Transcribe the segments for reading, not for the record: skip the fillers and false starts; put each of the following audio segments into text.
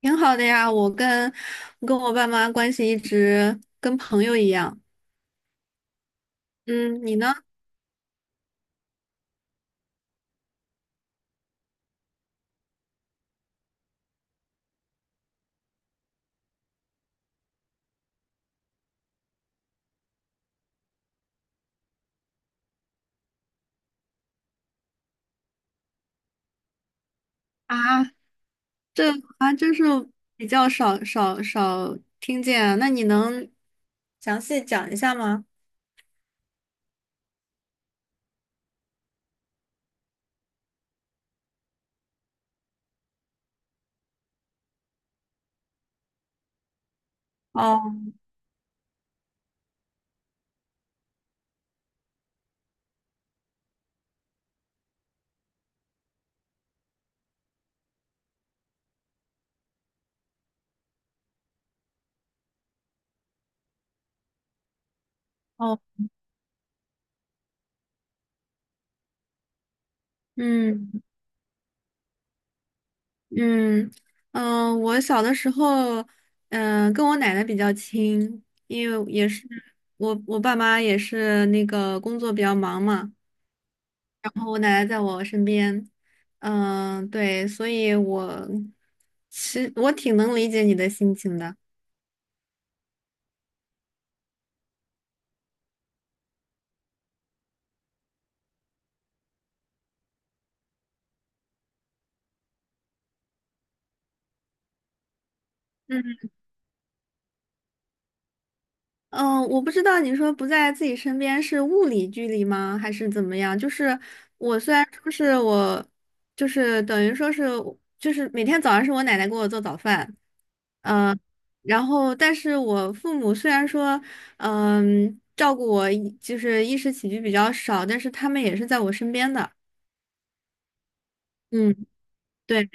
挺好的呀，我跟我爸妈关系一直跟朋友一样。嗯，你呢？啊，这啊，真是比较少听见啊，那你能详细讲一下吗？哦哦，嗯嗯嗯，我小的时候，嗯，跟我奶奶比较亲，因为也是我爸妈也是那个工作比较忙嘛。然后我奶奶在我身边，嗯，对，所以我其实我挺能理解你的心情的。嗯，嗯，我不知道你说不在自己身边是物理距离吗，还是怎么样？就是我虽然说是我，就是等于说是就是每天早上是我奶奶给我做早饭，嗯、然后但是我父母虽然说嗯照顾我，就是衣食起居比较少，但是他们也是在我身边的。嗯。对。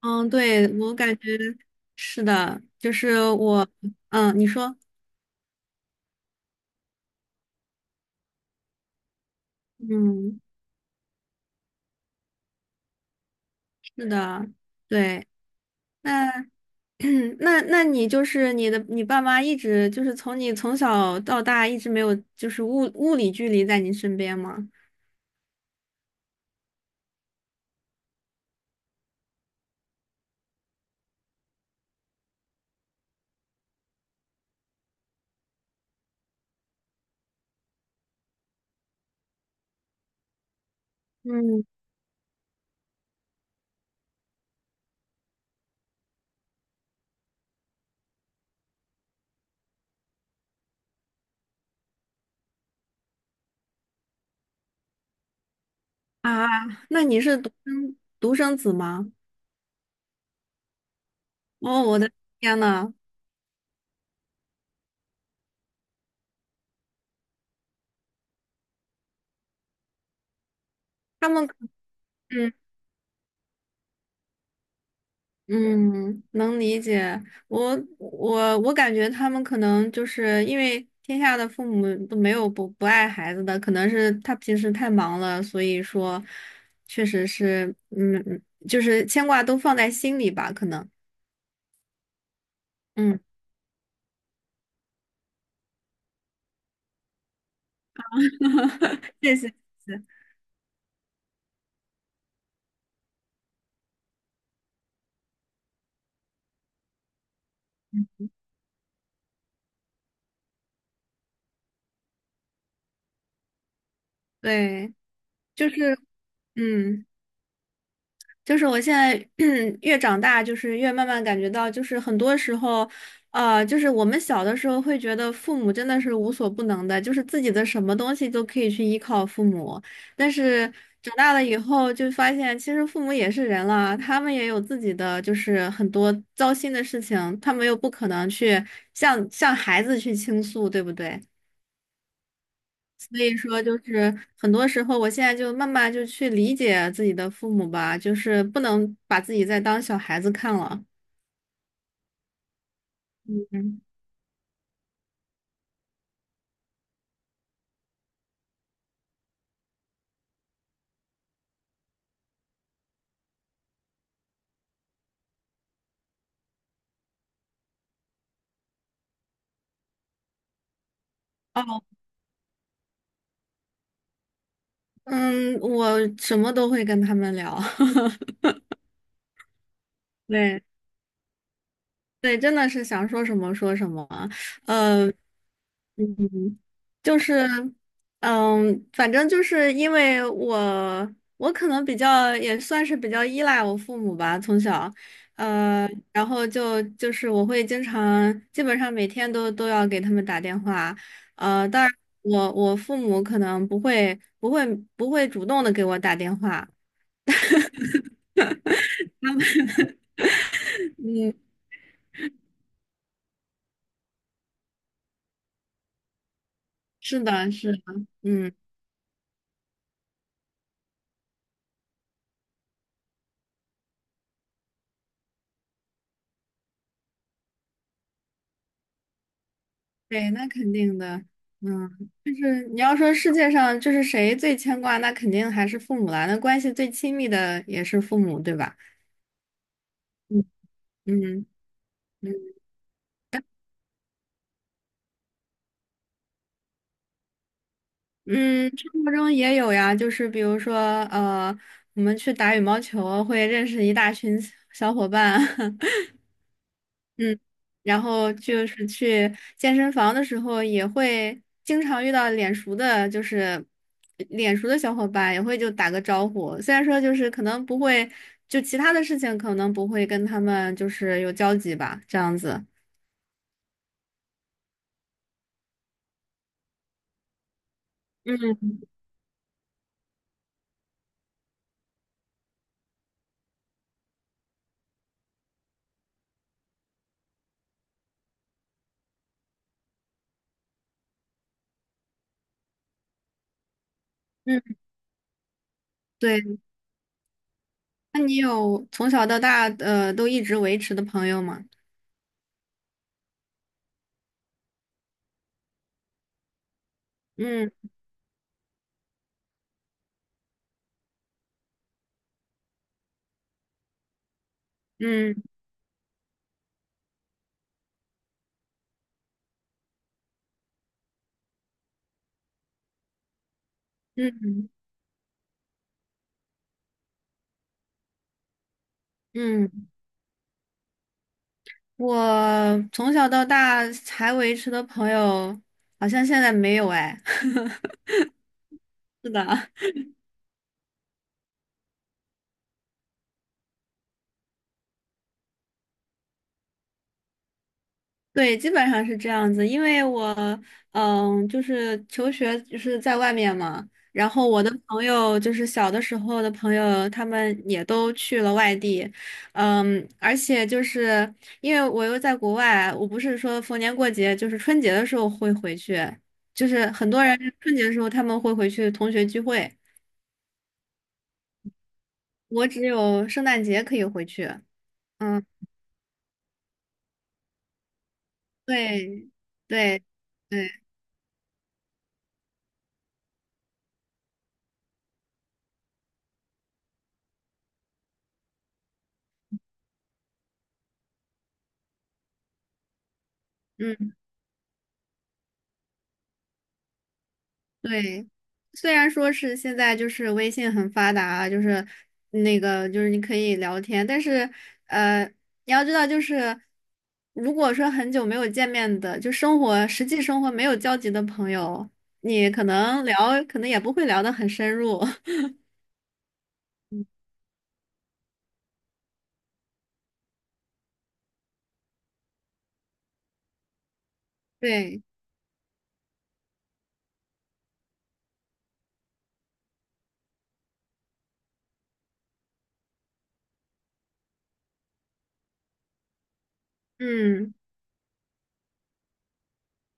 嗯，对，我感觉是的，就是我，嗯，你说，嗯，是的，对，那 那那你就是你的，你爸妈一直就是从你从小到大一直没有就是物理距离在你身边吗？嗯，啊，那你是独生子吗？哦，我的天呐。他们，嗯，嗯，能理解。我我感觉他们可能就是因为天下的父母都没有不爱孩子的，可能是他平时太忙了，所以说确实是，嗯，嗯，就是牵挂都放在心里吧，可能。嗯，谢谢，谢谢。对，就是嗯。就是我现在 越长大，就是越慢慢感觉到，就是很多时候，就是我们小的时候会觉得父母真的是无所不能的，就是自己的什么东西都可以去依靠父母。但是长大了以后，就发现其实父母也是人了，他们也有自己的就是很多糟心的事情，他们又不可能去向孩子去倾诉，对不对？所以说，就是很多时候，我现在就慢慢就去理解自己的父母吧，就是不能把自己再当小孩子看了。嗯，哦，嗯，我什么都会跟他们聊。对，对，真的是想说什么说什么。呃。嗯，就是，嗯，反正就是因为我，我可能比较也算是比较依赖我父母吧，从小，然后就是我会经常，基本上每天都都要给他们打电话，当然我父母可能不会主动的给我打电话，他们，嗯，是的，是的，嗯。对，那肯定的，嗯，就是你要说世界上就是谁最牵挂，那肯定还是父母啦，那关系最亲密的也是父母，对吧？嗯嗯嗯，嗯，生活中也有呀，就是比如说呃，我们去打羽毛球会认识一大群小伙伴。嗯，然后就是去健身房的时候，也会经常遇到脸熟的，就是脸熟的小伙伴，也会就打个招呼。虽然说就是可能不会，就其他的事情可能不会跟他们就是有交集吧，这样子。嗯嗯，对。那你有从小到大都一直维持的朋友吗？嗯嗯嗯，嗯，我从小到大还维持的朋友，好像现在没有哎。是的，对，基本上是这样子。因为我，嗯，就是求学就是在外面嘛，然后我的朋友就是小的时候的朋友，他们也都去了外地，嗯，而且就是因为我又在国外，我不是说逢年过节，就是春节的时候会回去，就是很多人春节的时候他们会回去同学聚会，我只有圣诞节可以回去。嗯，对，对，对。嗯。对，虽然说是现在就是微信很发达啊，就是那个就是你可以聊天，但是呃，你要知道就是，如果说很久没有见面的，就生活实际生活没有交集的朋友，你可能聊，可能也不会聊得很深入。对，嗯，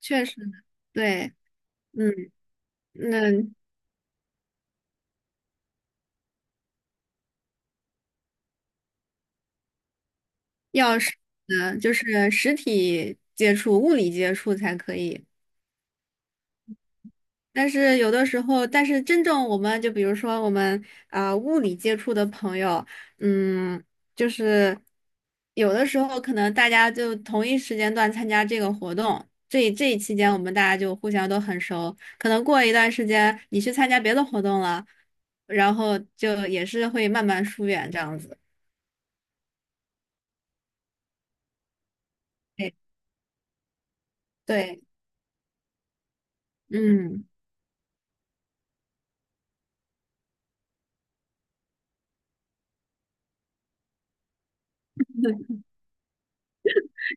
确实，对，嗯，那要是嗯，就是实体接触、物理接触才可以。但是有的时候，但是真正我们就比如说我们啊、物理接触的朋友，嗯，就是有的时候可能大家就同一时间段参加这个活动，这一期间我们大家就互相都很熟，可能过一段时间你去参加别的活动了，然后就也是会慢慢疏远这样子。对对，嗯，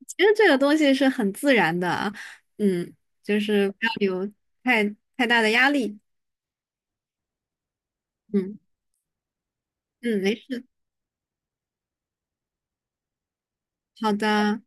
其实这个东西是很自然的啊，嗯，就是不要有太太大的压力，嗯。嗯，没事，好的，